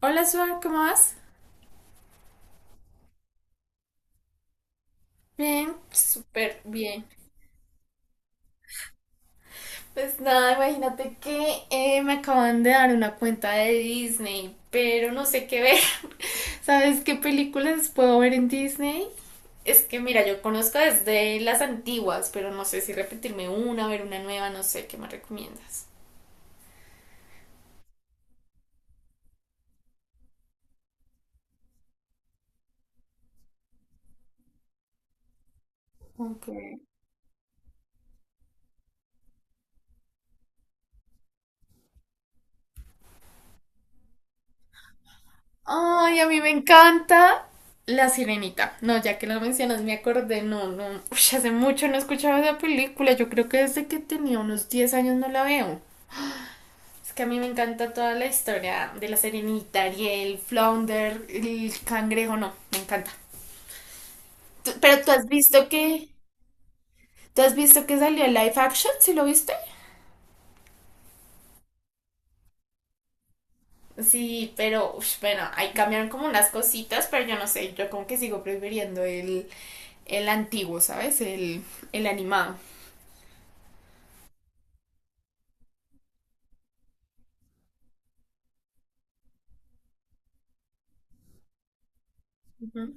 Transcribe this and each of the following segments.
Hola, Suar, ¿cómo vas? Bien, súper bien. Pues nada, imagínate que me acaban de dar una cuenta de Disney, pero no sé qué ver. ¿Sabes qué películas puedo ver en Disney? Es que mira, yo conozco desde las antiguas, pero no sé si repetirme una, ver una nueva, no sé, ¿qué me recomiendas? Ok. Ay, a mí me encanta La Sirenita. No, ya que lo mencionas, me acordé. No, no. Uy, hace mucho no escuchaba esa película. Yo creo que desde que tenía unos 10 años no la veo. Es que a mí me encanta toda la historia de La Sirenita, Ariel, Flounder, el cangrejo. No, me encanta. Pero tú has visto que. ¿Tú has visto que salió el live action? ¿Sí lo viste? Sí, pero ush, bueno, ahí cambiaron como unas cositas, pero yo no sé, yo como que sigo prefiriendo el antiguo, ¿sabes? El animado. Ujú.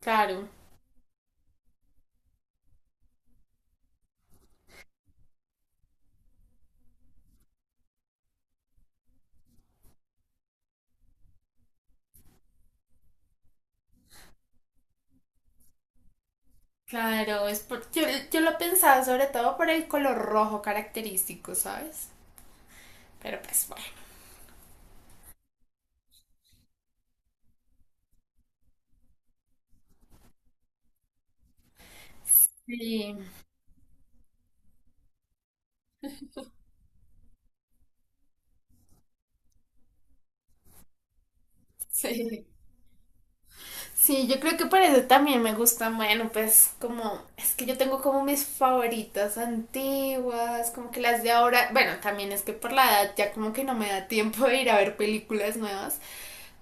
Claro, claro, es por... yo lo pensaba sobre todo por el color rojo característico, ¿sabes? Pero pues bueno. Sí, sí, sí, yo creo que por eso también me gusta, bueno, pues como, es que yo tengo como mis favoritas antiguas, como que las de ahora, bueno, también es que por la edad ya como que no me da tiempo de ir a ver películas nuevas.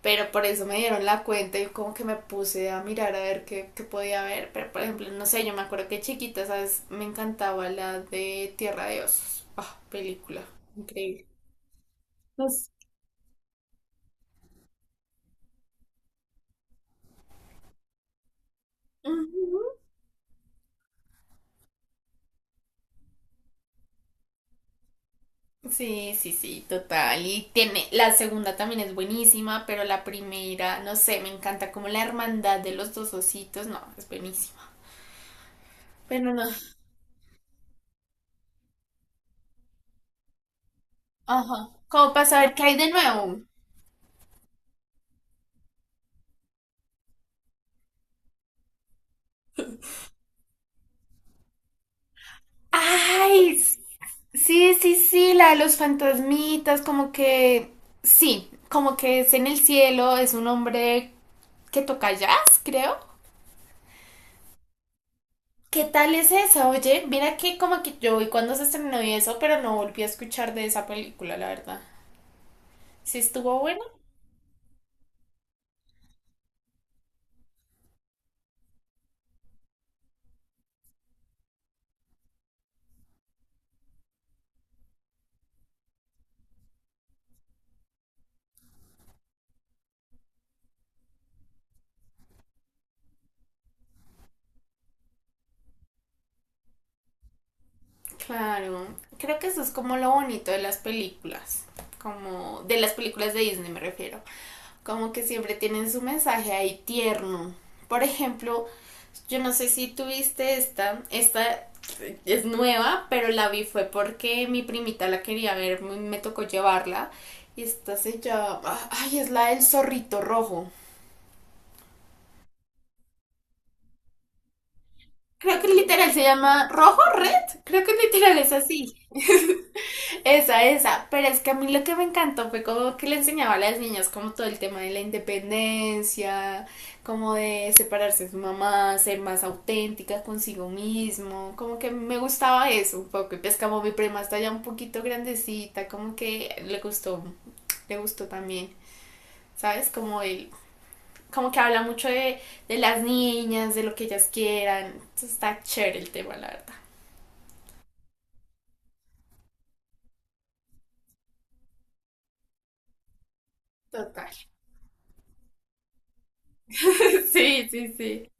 Pero por eso me dieron la cuenta y como que me puse a mirar a ver qué, qué podía ver. Pero por ejemplo, no sé, yo me acuerdo que chiquita, ¿sabes? Me encantaba la de Tierra de Osos. Ah, película. Increíble. Pues, ujú. Sí, total. Y tiene, la segunda también es buenísima, pero la primera, no sé, me encanta como la hermandad de los dos ositos, no, es buenísima. Pero no, ajá. ¿Cómo para saber qué hay de nuevo? ¡Ay! Sí, la de los fantasmitas, como que sí, como que es en el cielo, es un hombre que toca jazz, creo. ¿Qué tal es esa? Oye, mira que como que yo vi cuando se estrenó y eso, pero no volví a escuchar de esa película, la verdad. ¿Sí estuvo buena? Claro, creo que eso es como lo bonito de las películas, como de las películas de Disney me refiero, como que siempre tienen su mensaje ahí tierno. Por ejemplo, yo no sé si tuviste esta es nueva, pero la vi fue porque mi primita la quería ver, me tocó llevarla y esta se llama, ay, es la del zorrito rojo. Creo que literal se llama Rojo Red, creo que literal es así. Esa, esa. Pero es que a mí lo que me encantó fue como que le enseñaba a las niñas como todo el tema de la independencia, como de separarse de su mamá, ser más auténtica consigo mismo. Como que me gustaba eso un poco. Y pues como mi prima está ya un poquito grandecita, como que le gustó también. ¿Sabes? Como el, como que habla mucho de las niñas, de lo que ellas quieran. Entonces está chévere el tema, la verdad. Total. Sí, sí, sí.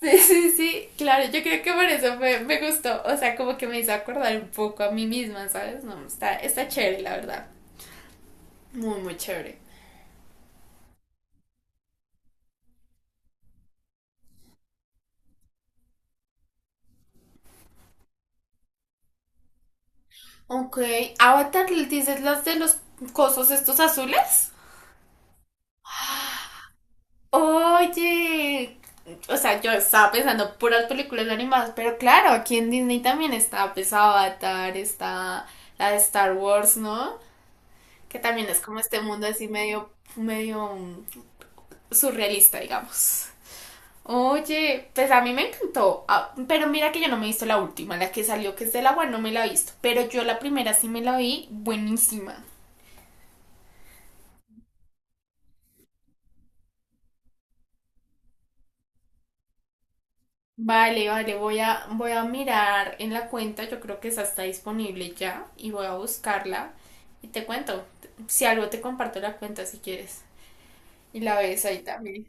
Sí, claro, yo creo que por eso me gustó, o sea, como que me hizo acordar un poco a mí misma, ¿sabes? No, está chévere, la verdad, muy chévere. Ok, Avatar, ¿dices las de los cosos estos azules? Oye, o sea, yo estaba pensando puras películas animadas, pero claro, aquí en Disney también está, pues, Avatar, está la de Star Wars, ¿no? Que también es como este mundo así medio surrealista, digamos. Oye, pues a mí me encantó. Ah, pero mira que yo no me he visto la última, la que salió que es del agua, no me la he visto, pero yo la primera sí me la vi, buenísima. Vale, vale, voy a mirar en la cuenta, yo creo que esa está disponible ya y voy a buscarla y te cuento, si algo te comparto la cuenta si quieres y la ves ahí también.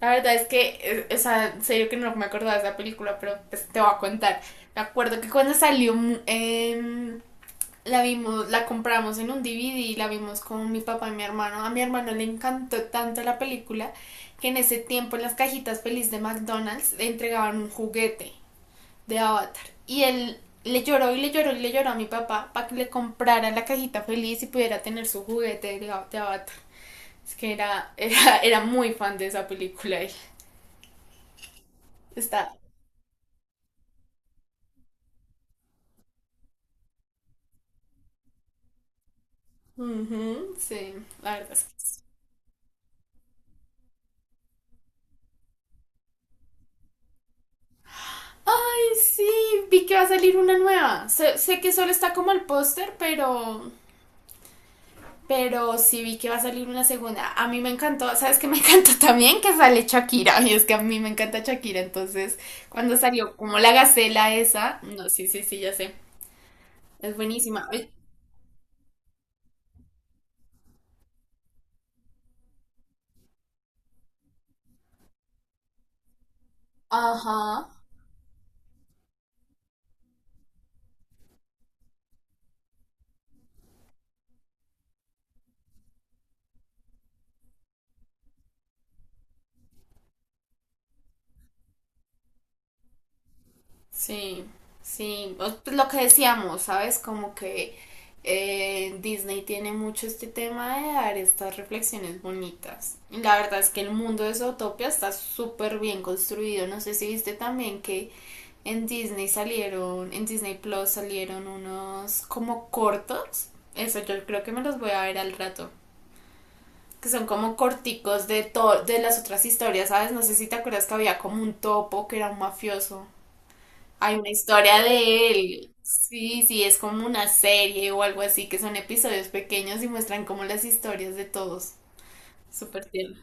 La verdad es que, o sea, en serio que no me acordaba de esa película, pero pues, te voy a contar. Me acuerdo que cuando salió la vimos, la compramos en un DVD y la vimos con mi papá y mi hermano. A mi hermano le encantó tanto la película que en ese tiempo en las cajitas feliz de McDonald's le entregaban un juguete de Avatar. Y él le lloró y le lloró y le lloró a mi papá para que le comprara la cajita feliz y pudiera tener su juguete de Avatar. Es que era muy fan de esa película él. Está. Ujú, sí, la verdad es que ay, sí, vi que va a salir una nueva. Sé que solo está como el póster, pero sí vi que va a salir una segunda. A mí me encantó, ¿sabes qué me encantó también? Que sale Shakira. Y es que a mí me encanta Shakira. Entonces, cuando salió como la gacela esa, no, sí, sí, sí, ya sé. Es buenísima. Ay, ajá. Sí, sí, o- pues lo que decíamos, ¿sabes? Como que Disney tiene mucho este tema de dar estas reflexiones bonitas. Y la verdad es que el mundo de Zootopia está súper bien construido. No sé si viste también que en Disney salieron, en Disney Plus salieron unos como cortos. Eso yo creo que me los voy a ver al rato. Que son como corticos de, to- de las otras historias, ¿sabes? No sé si te acuerdas que había como un topo que era un mafioso. Hay una historia de él. Sí, sí, es como una serie o algo así, que son episodios pequeños y muestran como las historias de todos. Súper tierno.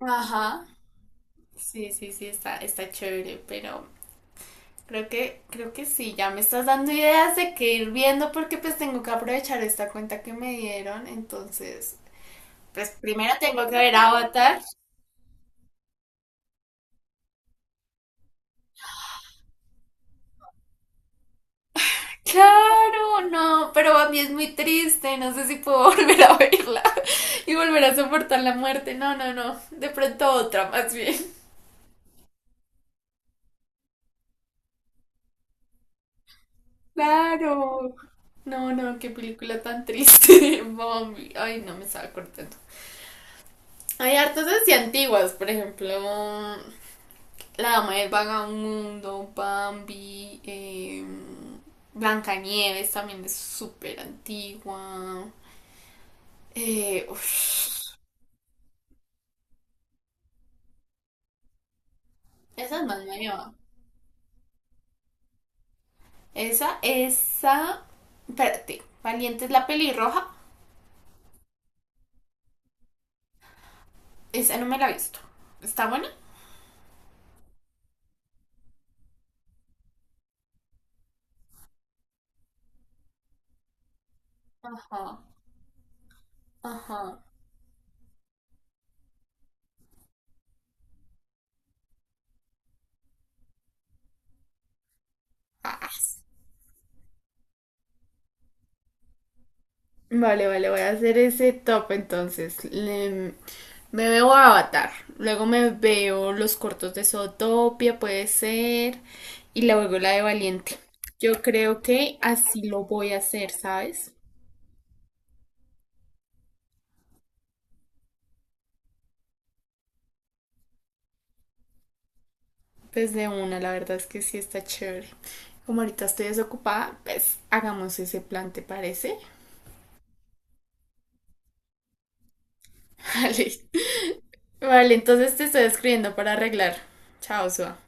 Ajá. Sí, sí, sí, está chévere, pero creo que sí, ya me estás dando ideas de qué ir viendo porque pues tengo que aprovechar esta cuenta que me dieron. Entonces, pues primero tengo que ver Avatar. Claro, no, pero a mí es muy triste, no sé si puedo volver a verla y volver a soportar la muerte, no, no, no, de pronto otra más bien. Claro. No, no, qué película tan triste, Bambi. Ay, no me estaba cortando. Hay hartas así antiguas, por ejemplo, La Dama del Vagabundo, Bambi, Blancanieves también es súper antigua. Eh, uf, esa es más nueva. Esa, esa. Espérate, Valiente es la pelirroja. Esa no me la he visto. ¿Está buena? Ajá, ajá. Vale, vale, voy a hacer ese top entonces. Le- Me veo a Avatar, luego me veo los cortos de Zootopia, puede ser, y luego la de Valiente. Yo creo que así lo voy a hacer, ¿sabes? Pues de una, la verdad es que sí está chévere. Como ahorita estoy desocupada, pues hagamos ese plan, ¿te parece? Vale, vale, entonces te estoy escribiendo para arreglar. Chao, Sua.